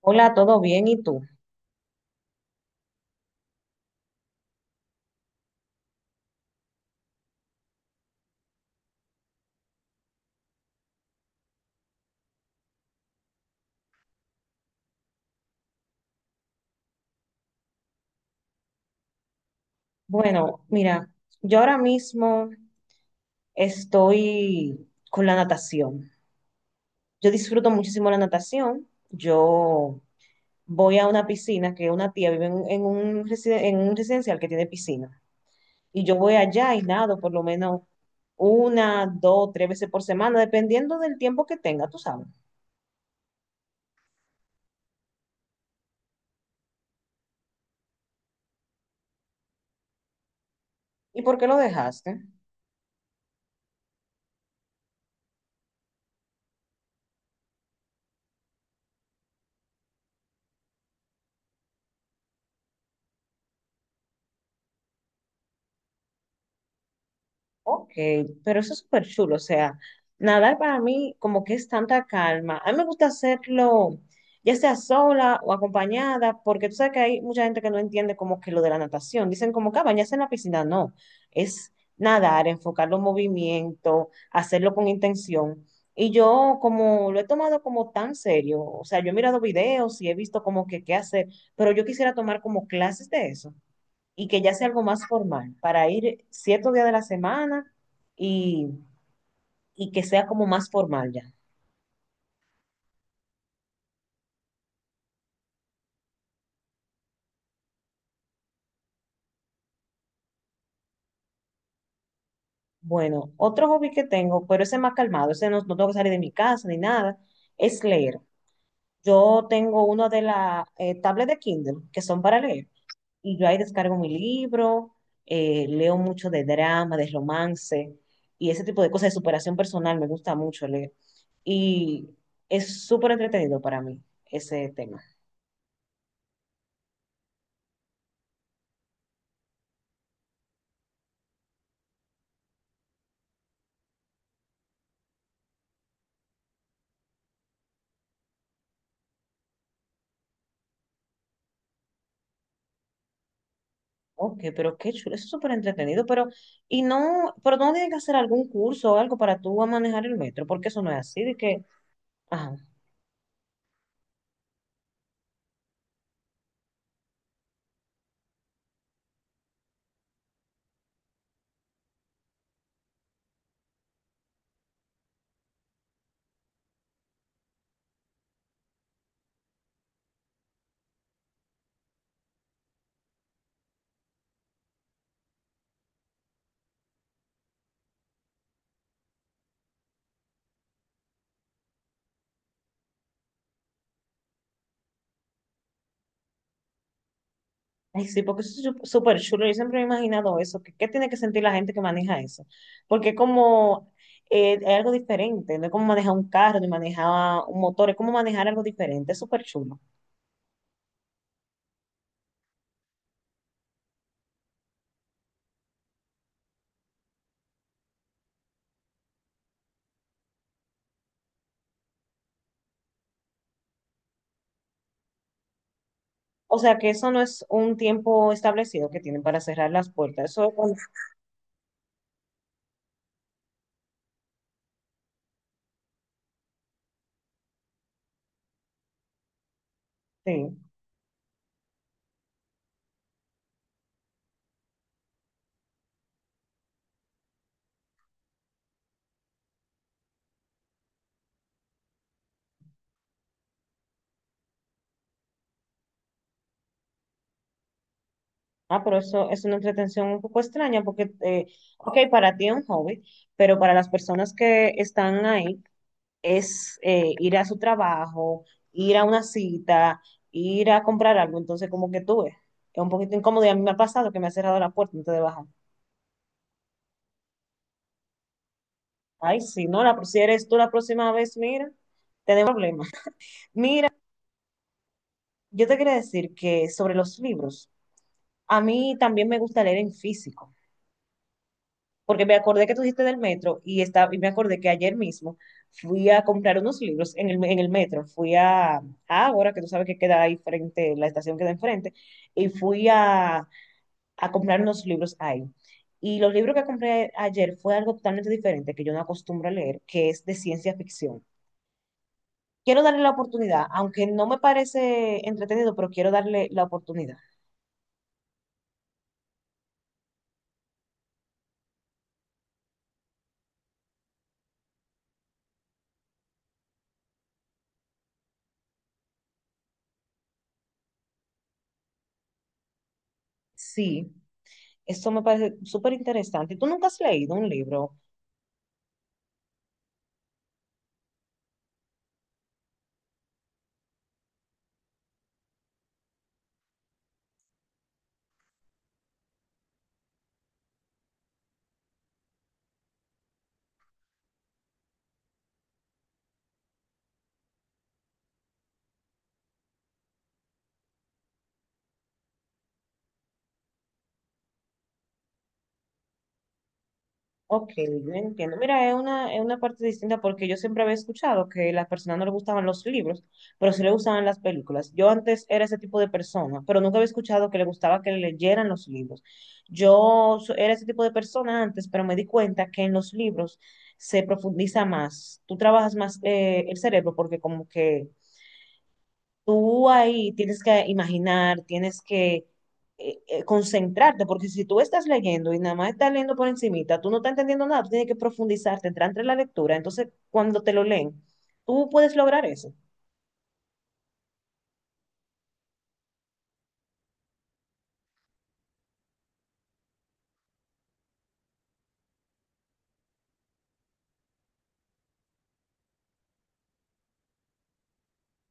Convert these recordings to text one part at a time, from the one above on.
Hola, ¿todo bien? ¿Y tú? Bueno, mira, yo ahora mismo estoy con la natación. Yo disfruto muchísimo la natación. Yo voy a una piscina que una tía vive en en un residencial que tiene piscina. Y yo voy allá y nado por lo menos una, dos, tres veces por semana, dependiendo del tiempo que tenga, tú sabes. ¿Y por qué lo dejaste? Ok, pero eso es súper chulo, o sea, nadar para mí como que es tanta calma. A mí me gusta hacerlo ya sea sola o acompañada, porque tú sabes que hay mucha gente que no entiende como que lo de la natación. Dicen como que "Ah, bañarse en la piscina, no, es nadar, enfocar los movimientos, hacerlo con intención". Y yo como lo he tomado como tan serio, o sea, yo he mirado videos y he visto como que qué hacer, pero yo quisiera tomar como clases de eso y que ya sea algo más formal, para ir ciertos días de la semana y, y que sea como más formal ya. Bueno, otro hobby que tengo, pero ese es más calmado, ese no tengo que salir de mi casa ni nada, es leer. Yo tengo una de las tablets de Kindle que son para leer y yo ahí descargo mi libro, leo mucho de drama, de romance y ese tipo de cosas de superación personal, me gusta mucho leer y es súper entretenido para mí ese tema. Ok, pero qué chulo, eso es súper entretenido, pero, y no, pero no tienen que hacer algún curso o algo para tú a manejar el metro, porque eso no es así, de que, ajá, ay, sí, porque eso es súper chulo, yo siempre me he imaginado eso, que qué tiene que sentir la gente que maneja eso, porque es como, es algo diferente, no es como manejar un carro, ni manejar un motor, es como manejar algo diferente, es súper chulo. O sea, que eso no es un tiempo establecido que tienen para cerrar las puertas, eso es cuando- sí. Ah, pero eso es una entretención un poco extraña porque, ok, para ti es un hobby, pero para las personas que están ahí es ir a su trabajo, ir a una cita, ir a comprar algo. Entonces, como que tú ves, es un poquito incómodo y a mí me ha pasado que me ha cerrado la puerta antes de bajar. Ay, si no, si eres tú la próxima vez, mira, tenemos problemas. Mira, yo te quería decir que sobre los libros, a mí también me gusta leer en físico. Porque me acordé que tú dijiste del metro y y me acordé que ayer mismo fui a comprar unos libros en en el metro. Ahora que tú sabes que queda ahí frente, la estación queda enfrente, y a comprar unos libros ahí. Y los libros que compré ayer fue algo totalmente diferente que yo no acostumbro a leer, que es de ciencia ficción. Quiero darle la oportunidad, aunque no me parece entretenido, pero quiero darle la oportunidad. Sí, esto me parece súper interesante. ¿Tú nunca has leído un libro? Ok, yo entiendo. Mira, es una parte distinta porque yo siempre había escuchado que a las personas no les gustaban los libros, pero sí le gustaban las películas. Yo antes era ese tipo de persona, pero nunca había escuchado que le gustaba que le leyeran los libros. Era ese tipo de persona antes, pero me di cuenta que en los libros se profundiza más. Tú trabajas más el cerebro porque como que tú ahí tienes que imaginar, tienes que concentrarte, porque si tú estás leyendo y nada más estás leyendo por encimita, tú no estás entendiendo nada, tú tienes que profundizarte, entrar entre la lectura. Entonces, cuando te lo leen, tú puedes lograr eso.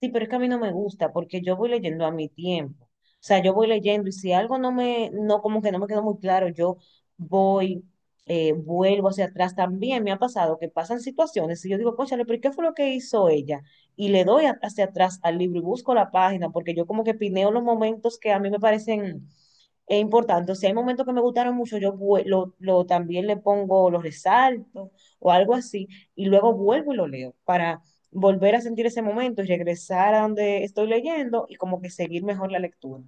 Sí, pero es que a mí no me gusta porque yo voy leyendo a mi tiempo. O sea, yo voy leyendo y si algo no me, no, como que no me quedó muy claro, yo voy, vuelvo hacia atrás. También me ha pasado que pasan situaciones y yo digo, cónchale, pero ¿qué fue lo que hizo ella? Y le hacia atrás al libro y busco la página porque yo como que pineo los momentos que a mí me parecen importantes. Si hay momentos que me gustaron mucho, yo vue- lo también le pongo, los resalto o algo así y luego vuelvo y lo leo para volver a sentir ese momento y regresar a donde estoy leyendo y como que seguir mejor la lectura.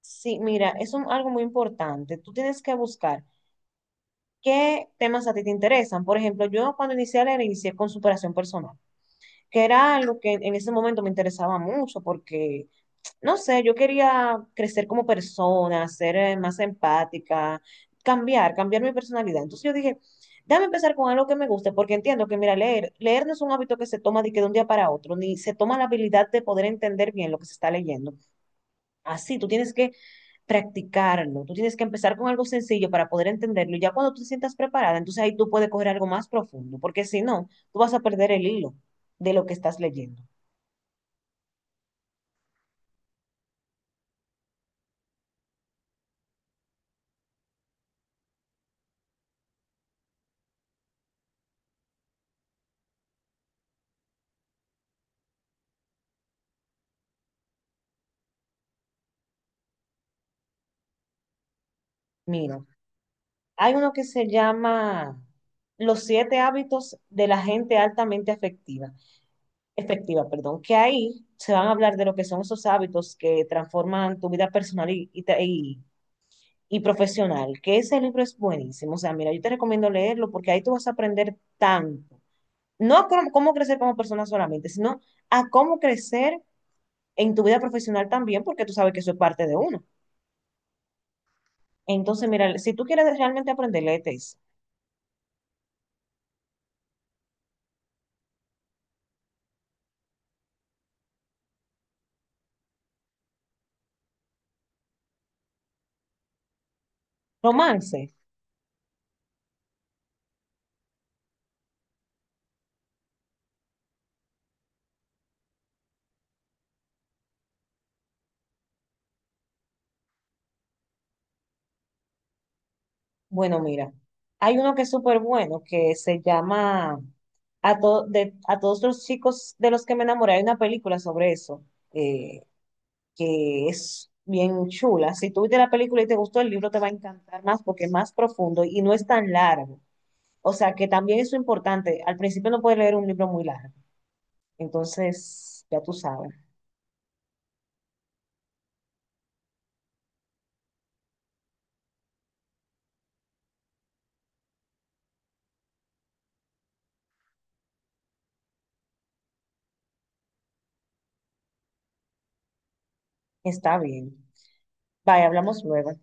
Sí, mira, algo muy importante. Tú tienes que buscar qué temas a ti te interesan. Por ejemplo, yo cuando inicié a leer, inicié con superación personal, que era algo que en ese momento me interesaba mucho porque no sé, yo quería crecer como persona, ser más empática, cambiar mi personalidad. Entonces yo dije, déjame empezar con algo que me guste, porque entiendo que, mira, leer no es un hábito que se toma de que de un día para otro, ni se toma la habilidad de poder entender bien lo que se está leyendo. Así, tú tienes que practicarlo, tú tienes que empezar con algo sencillo para poder entenderlo, y ya cuando tú te sientas preparada, entonces ahí tú puedes coger algo más profundo, porque si no, tú vas a perder el hilo de lo que estás leyendo. Mira. Hay uno que se llama Los siete hábitos de la gente altamente efectiva, perdón, que ahí se van a hablar de lo que son esos hábitos que transforman tu vida personal y profesional, que ese libro es buenísimo. O sea, mira, yo te recomiendo leerlo porque ahí tú vas a aprender tanto. No a cómo crecer como persona solamente, sino a cómo crecer en tu vida profesional también, porque tú sabes que eso es parte de uno. Entonces, mira, si tú quieres realmente aprender, léete ese. Romance. Bueno, mira, hay uno que es súper bueno, que se llama a todos los chicos de los que me enamoré. Hay una película sobre eso, eh, que es bien chula. Si tú viste la película y te gustó el libro, te va a encantar más porque es más profundo y no es tan largo. O sea, que también eso es importante. Al principio no puedes leer un libro muy largo. Entonces, ya tú sabes, está bien. Bye, hablamos luego.